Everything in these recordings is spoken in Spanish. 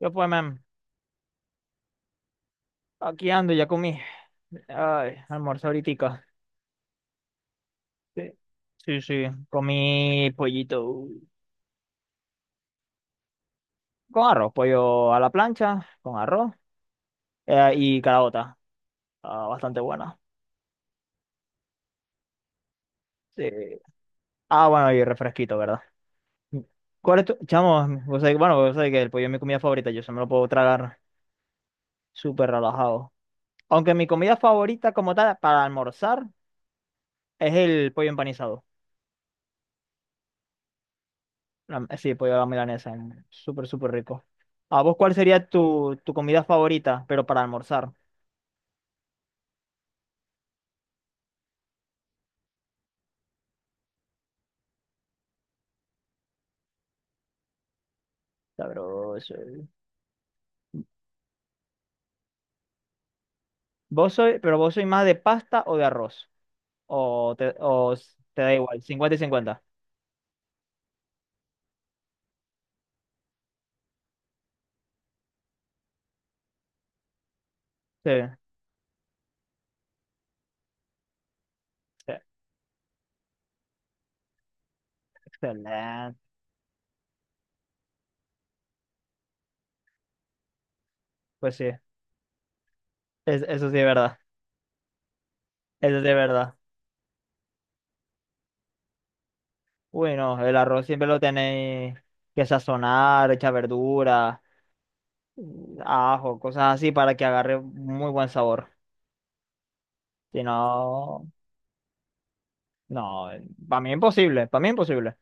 Yo pues, man, aquí ando, ya comí. Ay, almuerzo ahoritica. Sí, sí, sí, comí pollito con arroz, pollo a la plancha, con arroz y calabota. Ah, bastante buena. Sí. Ah, bueno, y refresquito, ¿verdad? ¿Cuál es tu? Chamo, bueno, vos sabés que el pollo es mi comida favorita, yo se me lo puedo tragar súper relajado. Aunque mi comida favorita como tal para almorzar es el pollo empanizado. Sí, pollo a la milanesa. Súper, súper rico. ¿A vos cuál sería tu comida favorita, pero para almorzar? Sabroso. ¿Vos soy, pero vos sois más de pasta o de arroz? ¿O te, te da igual? 50 y 50. Sí, sí, excelente. Pues sí, eso sí es verdad. Eso sí es verdad. Bueno, el arroz siempre lo tenéis que sazonar, echar verdura, ajo, cosas así para que agarre muy buen sabor. Si no, no, para mí imposible, para mí imposible.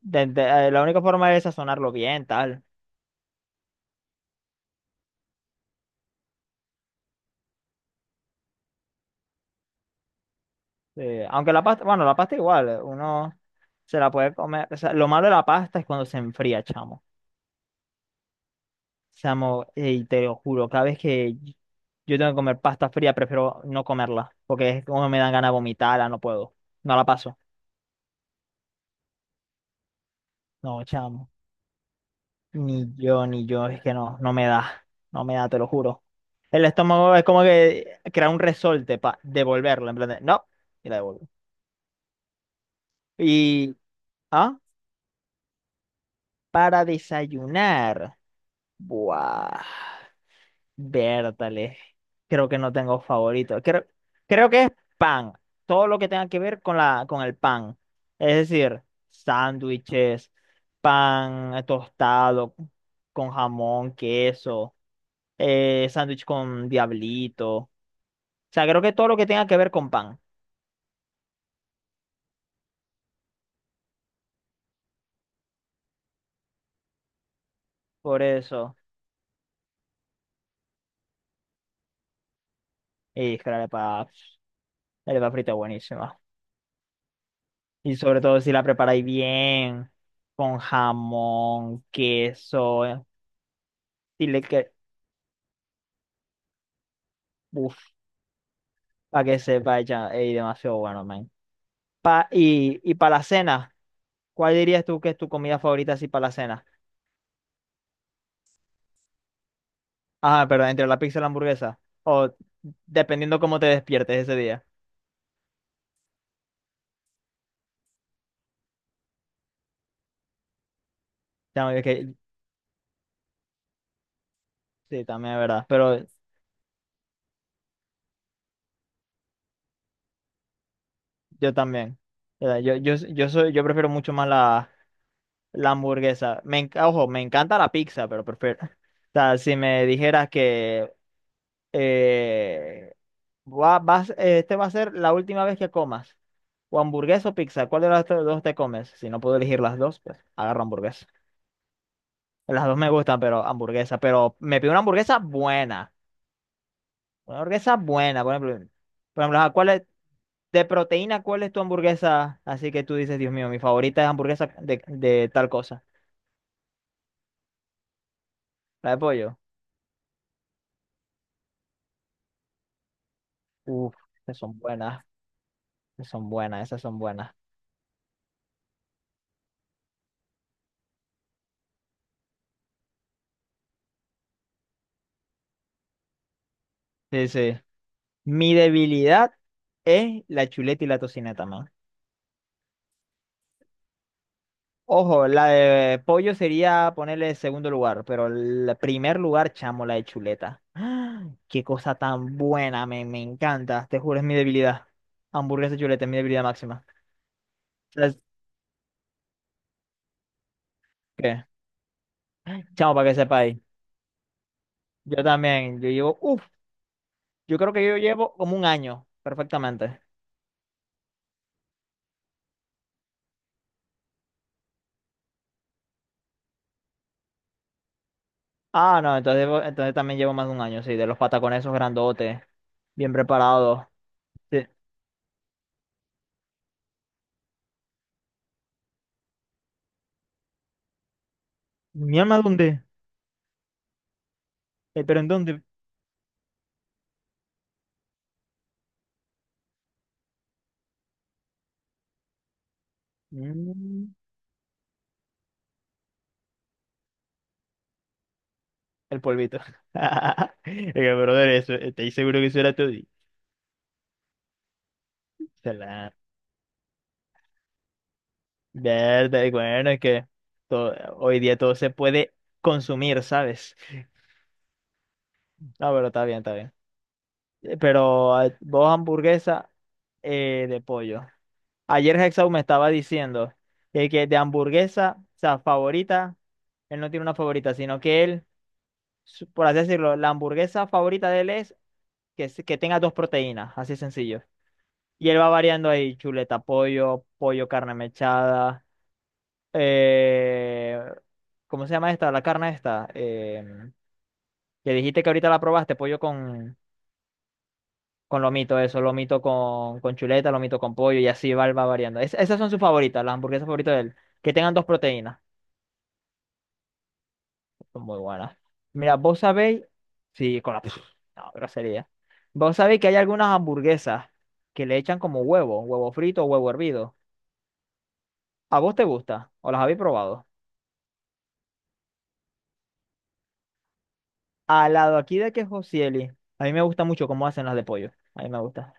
La única forma es sazonarlo bien, tal. Aunque la pasta, bueno, la pasta igual, uno se la puede comer. O sea, lo malo de la pasta es cuando se enfría, chamo. Chamo, y te lo juro, cada vez que yo tengo que comer pasta fría, prefiero no comerla, porque es como me dan ganas de vomitarla, no puedo. No la paso. No, chamo. Ni yo, ni yo, es que no, no me da. No me da, te lo juro. El estómago es como que crea un resorte para devolverla, en plan de, no, y la devuelvo. Y, ¿ah? Para desayunar. Buah. Vértale. Creo que no tengo favorito. Creo que es pan. Todo lo que tenga que ver con el pan. Es decir, sándwiches, pan tostado con jamón, queso, sándwich con diablito. O sea, creo que todo lo que tenga que ver con pan. Por eso. Y es que la arepa frita es buenísima. Y sobre todo si la preparáis bien, con jamón, queso, dile que, uff, para que sepa, ella, ey, demasiado bueno, man. Y para la cena, ¿cuál dirías tú que es tu comida favorita así para la cena? Ah, pero entre la pizza y la hamburguesa, o dependiendo cómo te despiertes ese día. Ya, sí, también es verdad, pero yo también. Yo prefiero mucho más la hamburguesa. Ojo, me encanta la pizza, pero prefiero. O sea, si me dijeras que eh, vas, este va a ser la última vez que comas, o hamburguesa o pizza, ¿cuál de las dos te comes? Si no puedo elegir las dos, pues agarro hamburguesa. Las dos me gustan, pero hamburguesa. Pero me pido una hamburguesa buena. Una hamburguesa buena, por ejemplo. Por ejemplo, ajá, de proteína, ¿cuál es tu hamburguesa? Así que tú dices, Dios mío, mi favorita es hamburguesa de tal cosa. La de pollo. Uf, esas son buenas. Son buenas, esas son buenas. Sí, sí, mi debilidad es la chuleta y la tocineta, man. Ojo, la de pollo sería ponerle segundo lugar, pero el primer lugar, chamo, la de chuleta. ¡Ah! Qué cosa tan buena, me encanta. Te juro, es mi debilidad. Hamburguesa y chuleta es mi debilidad máxima. ¿Sabes qué? Chamo, para que sepa ahí. Yo también, yo llevo, uff, yo creo que yo llevo como un año, perfectamente. Ah, no, entonces, también llevo más de un año, sí, de los patacones esos grandotes, bien preparados. Sí. ¿Mi alma dónde? ¿Pero en dónde? Mm, el polvito. Es que, brother, eso, estoy seguro que eso era todo. Se la. Verdad, y bueno, es que hoy día todo se puede consumir, ¿sabes? No, pero está bien, está bien. Pero vos hamburguesa de pollo. Ayer Hexau me estaba diciendo de que de hamburguesa, o sea, favorita, él no tiene una favorita, sino que él, por así decirlo, la hamburguesa favorita de él es que, que tenga dos proteínas, así sencillo. Y él va variando ahí, chuleta, pollo, carne mechada, eh, ¿cómo se llama esta? La carne esta, que dijiste que ahorita la probaste, pollo con lomito, eso, lomito con chuleta, lomito con pollo, y así va variando. Esas son sus favoritas, las hamburguesas favoritas de él, que tengan dos proteínas. Son muy buenas. Mira, vos sabéis, sí, con la. No, grosería. Vos sabéis que hay algunas hamburguesas que le echan como huevo, frito o huevo hervido. ¿A vos te gusta? ¿O las habéis probado? Al lado aquí de que Josieli, a mí me gusta mucho cómo hacen las de pollo. A mí me gusta.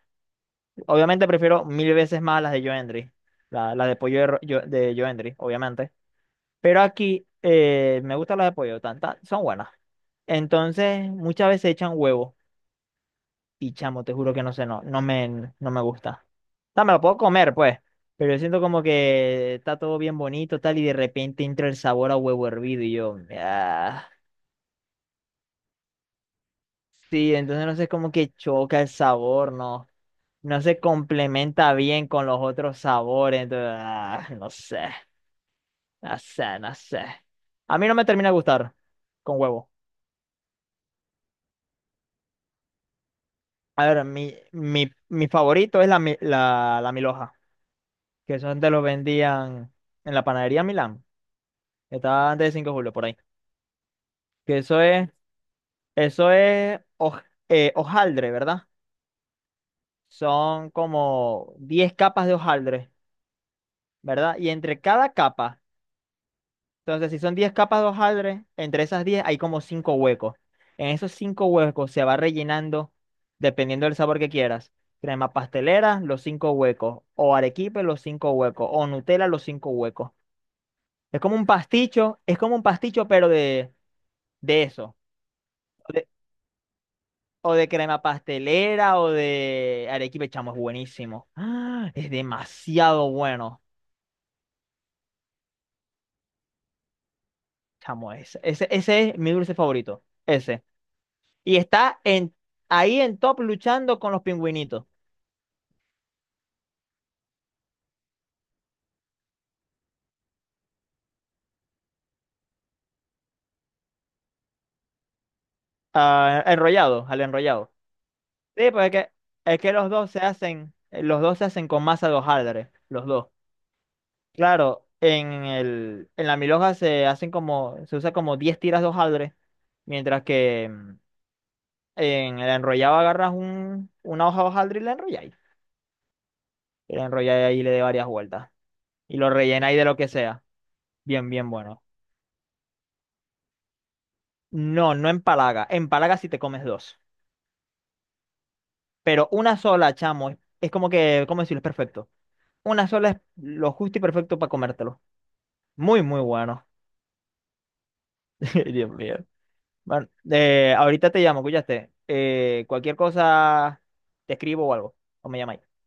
Obviamente prefiero mil veces más las de Joendry. Las de pollo de Joendry, obviamente. Pero aquí me gustan las de pollo, son buenas. Entonces, muchas veces echan huevo. Y chamo, te juro que no sé, no, no me gusta. O sea, me lo puedo comer, pues. Pero yo siento como que está todo bien bonito, tal, y de repente entra el sabor a huevo hervido y yo, ah. Sí, entonces no sé como que choca el sabor, no, no se complementa bien con los otros sabores, entonces, ah, no sé, no sé, no sé. A mí no me termina de gustar con huevo. A ver, mi favorito es la milhoja, que eso antes lo vendían en la panadería Milán. Está antes de Cinco de Julio, por ahí. Que eso es hojaldre, ¿verdad? Son como 10 capas de hojaldre, ¿verdad? Y entre cada capa, entonces si son 10 capas de hojaldre, entre esas 10 hay como 5 huecos. En esos 5 huecos se va rellenando, dependiendo del sabor que quieras, crema pastelera, los 5 huecos, o arequipe, los 5 huecos, o Nutella, los 5 huecos. Es como un pasticho, es como un pasticho, pero de eso. O de crema pastelera o de arequipe, chamo, es buenísimo. ¡Ah! Es demasiado bueno, chamo. Ese es mi dulce favorito. Ese. Y está ahí en top luchando con los pingüinitos. Ah, enrollados, al enrollado. Sí, pues es que, los dos se hacen, los dos se hacen con masa de hojaldre, los dos. Claro, en la milhoja se usa como 10 tiras de hojaldre, mientras que en el enrollado agarras una hoja de hojaldre y la enrolláis. Y la enrolláis ahí y le de varias vueltas. Y lo rellenáis de lo que sea. Bien, bien bueno. No, no empalaga. Empalaga si te comes dos. Pero una sola, chamo, es como que, ¿cómo decirlo? Es perfecto. Una sola es lo justo y perfecto para comértelo. Muy, muy bueno. Dios mío. Bueno, ahorita te llamo, escuchaste. Cualquier cosa, te escribo o algo. O me llamáis.